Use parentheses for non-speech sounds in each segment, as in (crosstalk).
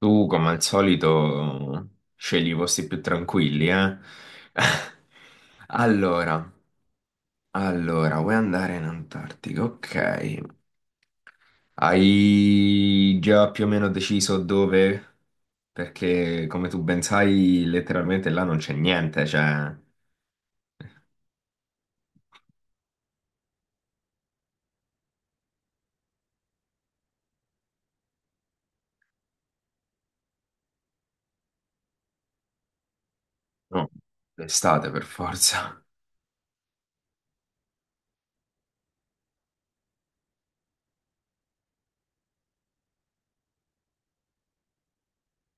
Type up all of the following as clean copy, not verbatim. Tu, come al solito, scegli i posti più tranquilli, eh? (laughs) Allora, allora, vuoi andare in Antartica? Ok. Hai già più o meno deciso dove? Perché, come tu ben sai, letteralmente là non c'è niente, cioè... No, l'estate per forza.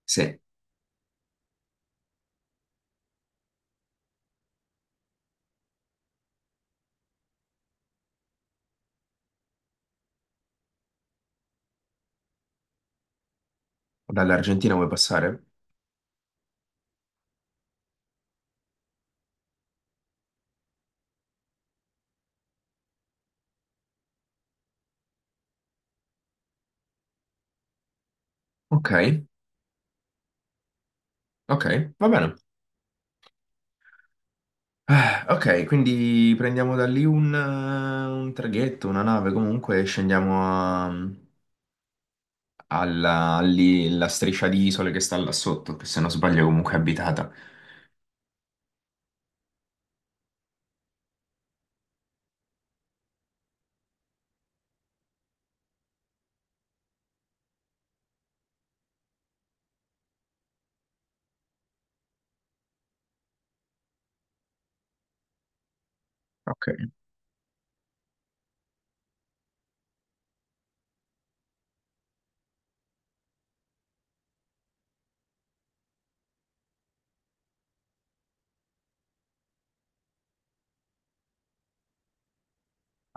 Sì, dall'Argentina vuoi passare? Ok, ok, va bene. Eh, ok, quindi prendiamo da lì un traghetto, una nave, comunque e scendiamo alla lì, la striscia di isole che sta là sotto, che se non sbaglio è comunque abitata. Ok.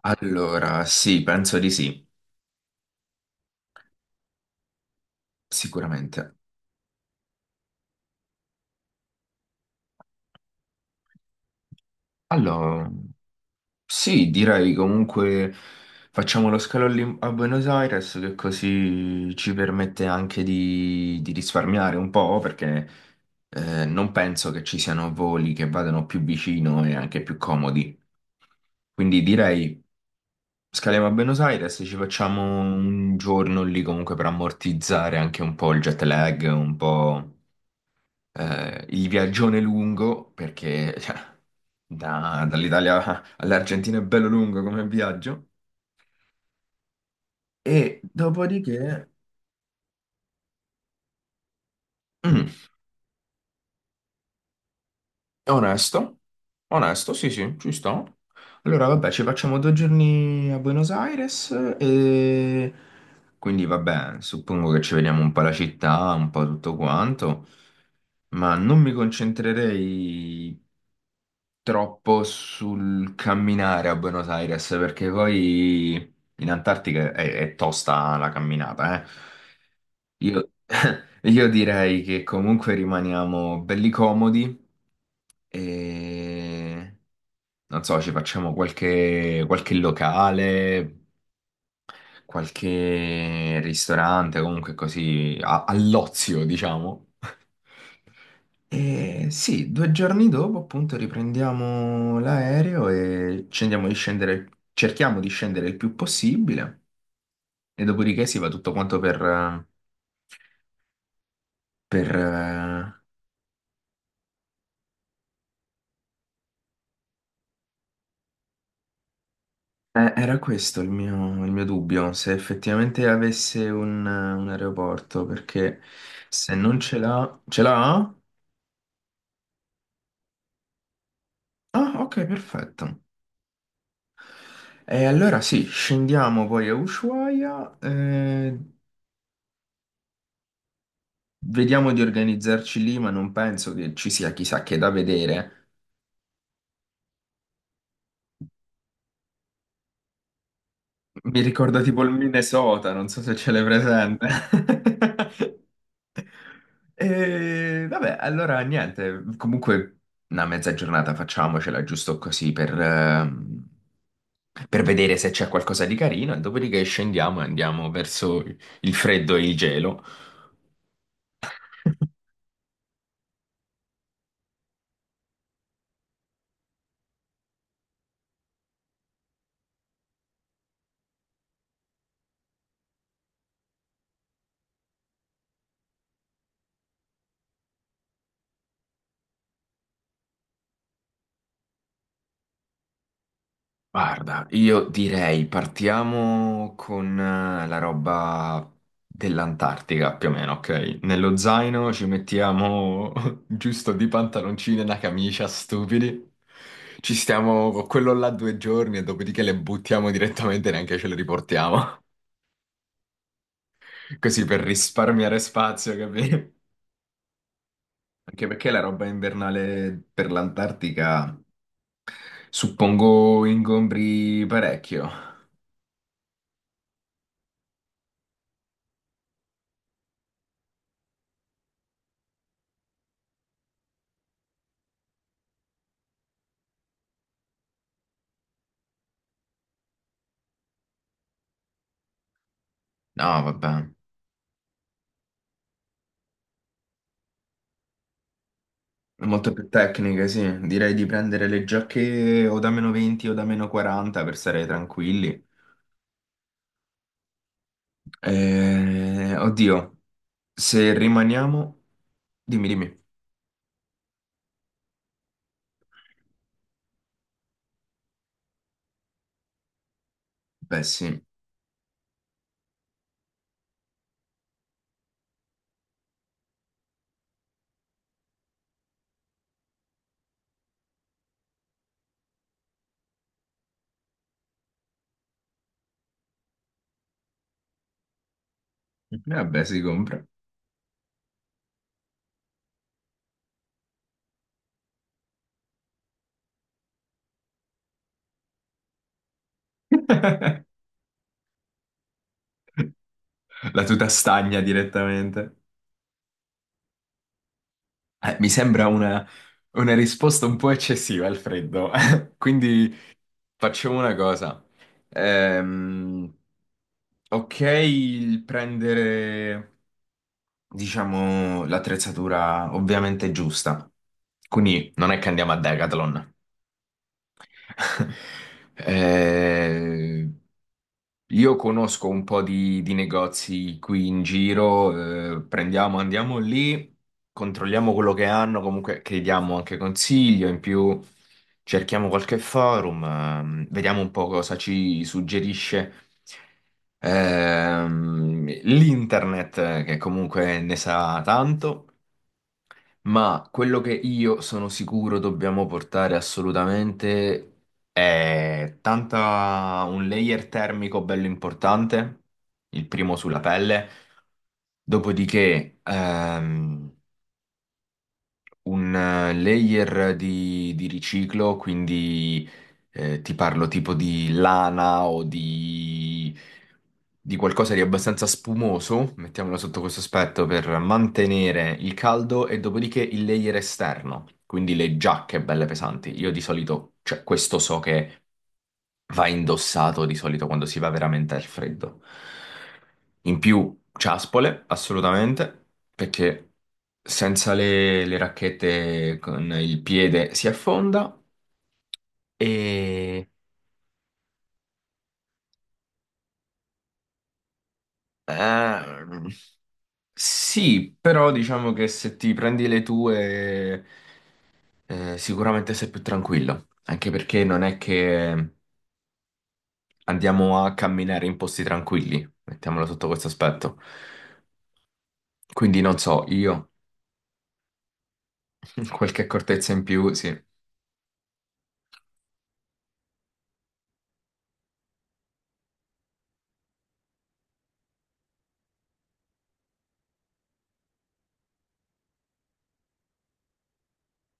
Allora, sì, penso di sì, sicuramente. Allora. Sì, direi comunque facciamo lo scalo lì a Buenos Aires che così ci permette anche di risparmiare un po' perché non penso che ci siano voli che vadano più vicino e anche più comodi. Quindi direi scaliamo a Buenos Aires, ci facciamo un giorno lì comunque per ammortizzare anche un po' il jet lag, un po' il viaggione lungo perché (laughs) cioè, dall'Italia all'Argentina è bello lungo come viaggio. E dopodiché, mm, è onesto, onesto, sì, sì, ci sto. Allora, vabbè, ci facciamo due giorni a Buenos Aires e quindi, vabbè, suppongo che ci vediamo un po' la città, un po' tutto quanto, ma non mi concentrerei troppo sul camminare a Buenos Aires perché poi in Antartica è tosta la camminata, eh. Io, io direi che comunque rimaniamo belli comodi. E non so, ci facciamo qualche locale, qualche ristorante, comunque così all'ozio, diciamo. (laughs) E sì, due giorni dopo appunto riprendiamo l'aereo e scendiamo di scendere, cerchiamo di scendere il più possibile e dopodiché si va tutto quanto per, per. Era questo il mio dubbio, se effettivamente avesse un aeroporto, perché se non ce l'ha... Ce l'ha? Ah, ok, perfetto. E allora sì, scendiamo poi a Ushuaia, vediamo di organizzarci lì, ma non penso che ci sia chissà che da vedere. Mi ricorda tipo il Minnesota, non so se ce l'hai presente. (laughs) E vabbè, allora niente, comunque una mezza giornata facciamocela giusto così per vedere se c'è qualcosa di carino e dopodiché scendiamo e andiamo verso il freddo e il gelo. (laughs) Guarda, io direi partiamo con la roba dell'Antartica più o meno, ok? Nello zaino ci mettiamo (laughs) giusto di pantaloncini e una camicia, stupidi. Ci stiamo con quello là due giorni e dopodiché le buttiamo direttamente e neanche ce le riportiamo. (laughs) Così per risparmiare spazio, capito? Anche perché la roba invernale per l'Antartica suppongo ingombri parecchio. No, vabbè. Molto più tecniche, sì. Direi di prendere le giacche o da meno 20 o da meno 40 per stare tranquilli. Oddio, se rimaniamo... Dimmi, dimmi. Beh, sì. Vabbè, si compra. (laughs) La tuta stagna direttamente. Mi sembra una risposta un po' eccessiva al freddo. (laughs) Quindi facciamo una cosa. Ehm, ok, il prendere. Diciamo, l'attrezzatura ovviamente giusta. Quindi non è che andiamo a Decathlon. (laughs) Eh, io conosco un po' di negozi qui in giro, prendiamo, andiamo lì, controlliamo quello che hanno, comunque chiediamo anche consiglio, in più cerchiamo qualche forum, vediamo un po' cosa ci suggerisce. L'internet, che comunque ne sa tanto. Ma quello che io sono sicuro dobbiamo portare assolutamente è tanta un layer termico bello importante, il primo sulla pelle, dopodiché un layer di riciclo, quindi ti parlo tipo di lana o di qualcosa di abbastanza spumoso, mettiamolo sotto questo aspetto, per mantenere il caldo e dopodiché il layer esterno, quindi le giacche belle pesanti. Io di solito, cioè questo so che va indossato di solito quando si va veramente al freddo. In più, ciaspole, assolutamente, perché senza le racchette con il piede si affonda e... ehm, sì, però diciamo che se ti prendi le tue sicuramente sei più tranquillo, anche perché non è che andiamo a camminare in posti tranquilli, mettiamolo sotto questo aspetto. Quindi non so, io... (laughs) Qualche accortezza in più, sì.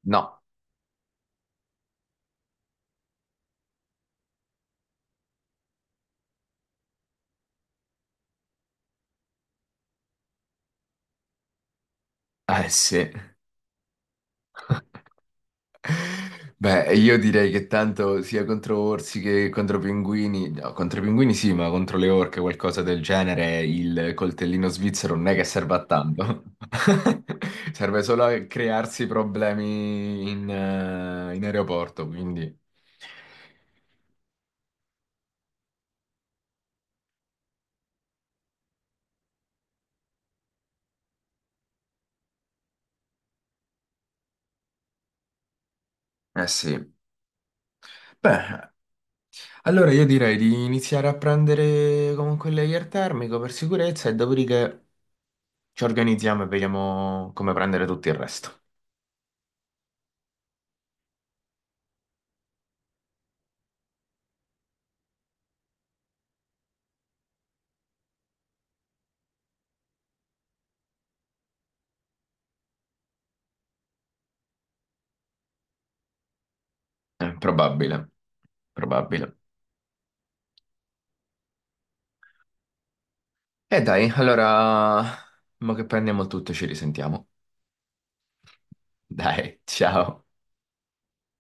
No. Eh sì. Beh, io direi che tanto sia contro orsi che contro pinguini, no, contro i pinguini sì, ma contro le orche o qualcosa del genere, il coltellino svizzero non è che serve a tanto. (laughs) Serve solo a crearsi problemi in, in aeroporto, quindi... Eh sì. Beh, allora io direi di iniziare a prendere comunque il layer termico per sicurezza e dopodiché ci organizziamo e vediamo come prendere tutto il resto. Probabile, probabile. E dai, allora, mo che prendiamo il tutto ci risentiamo. Dai, ciao.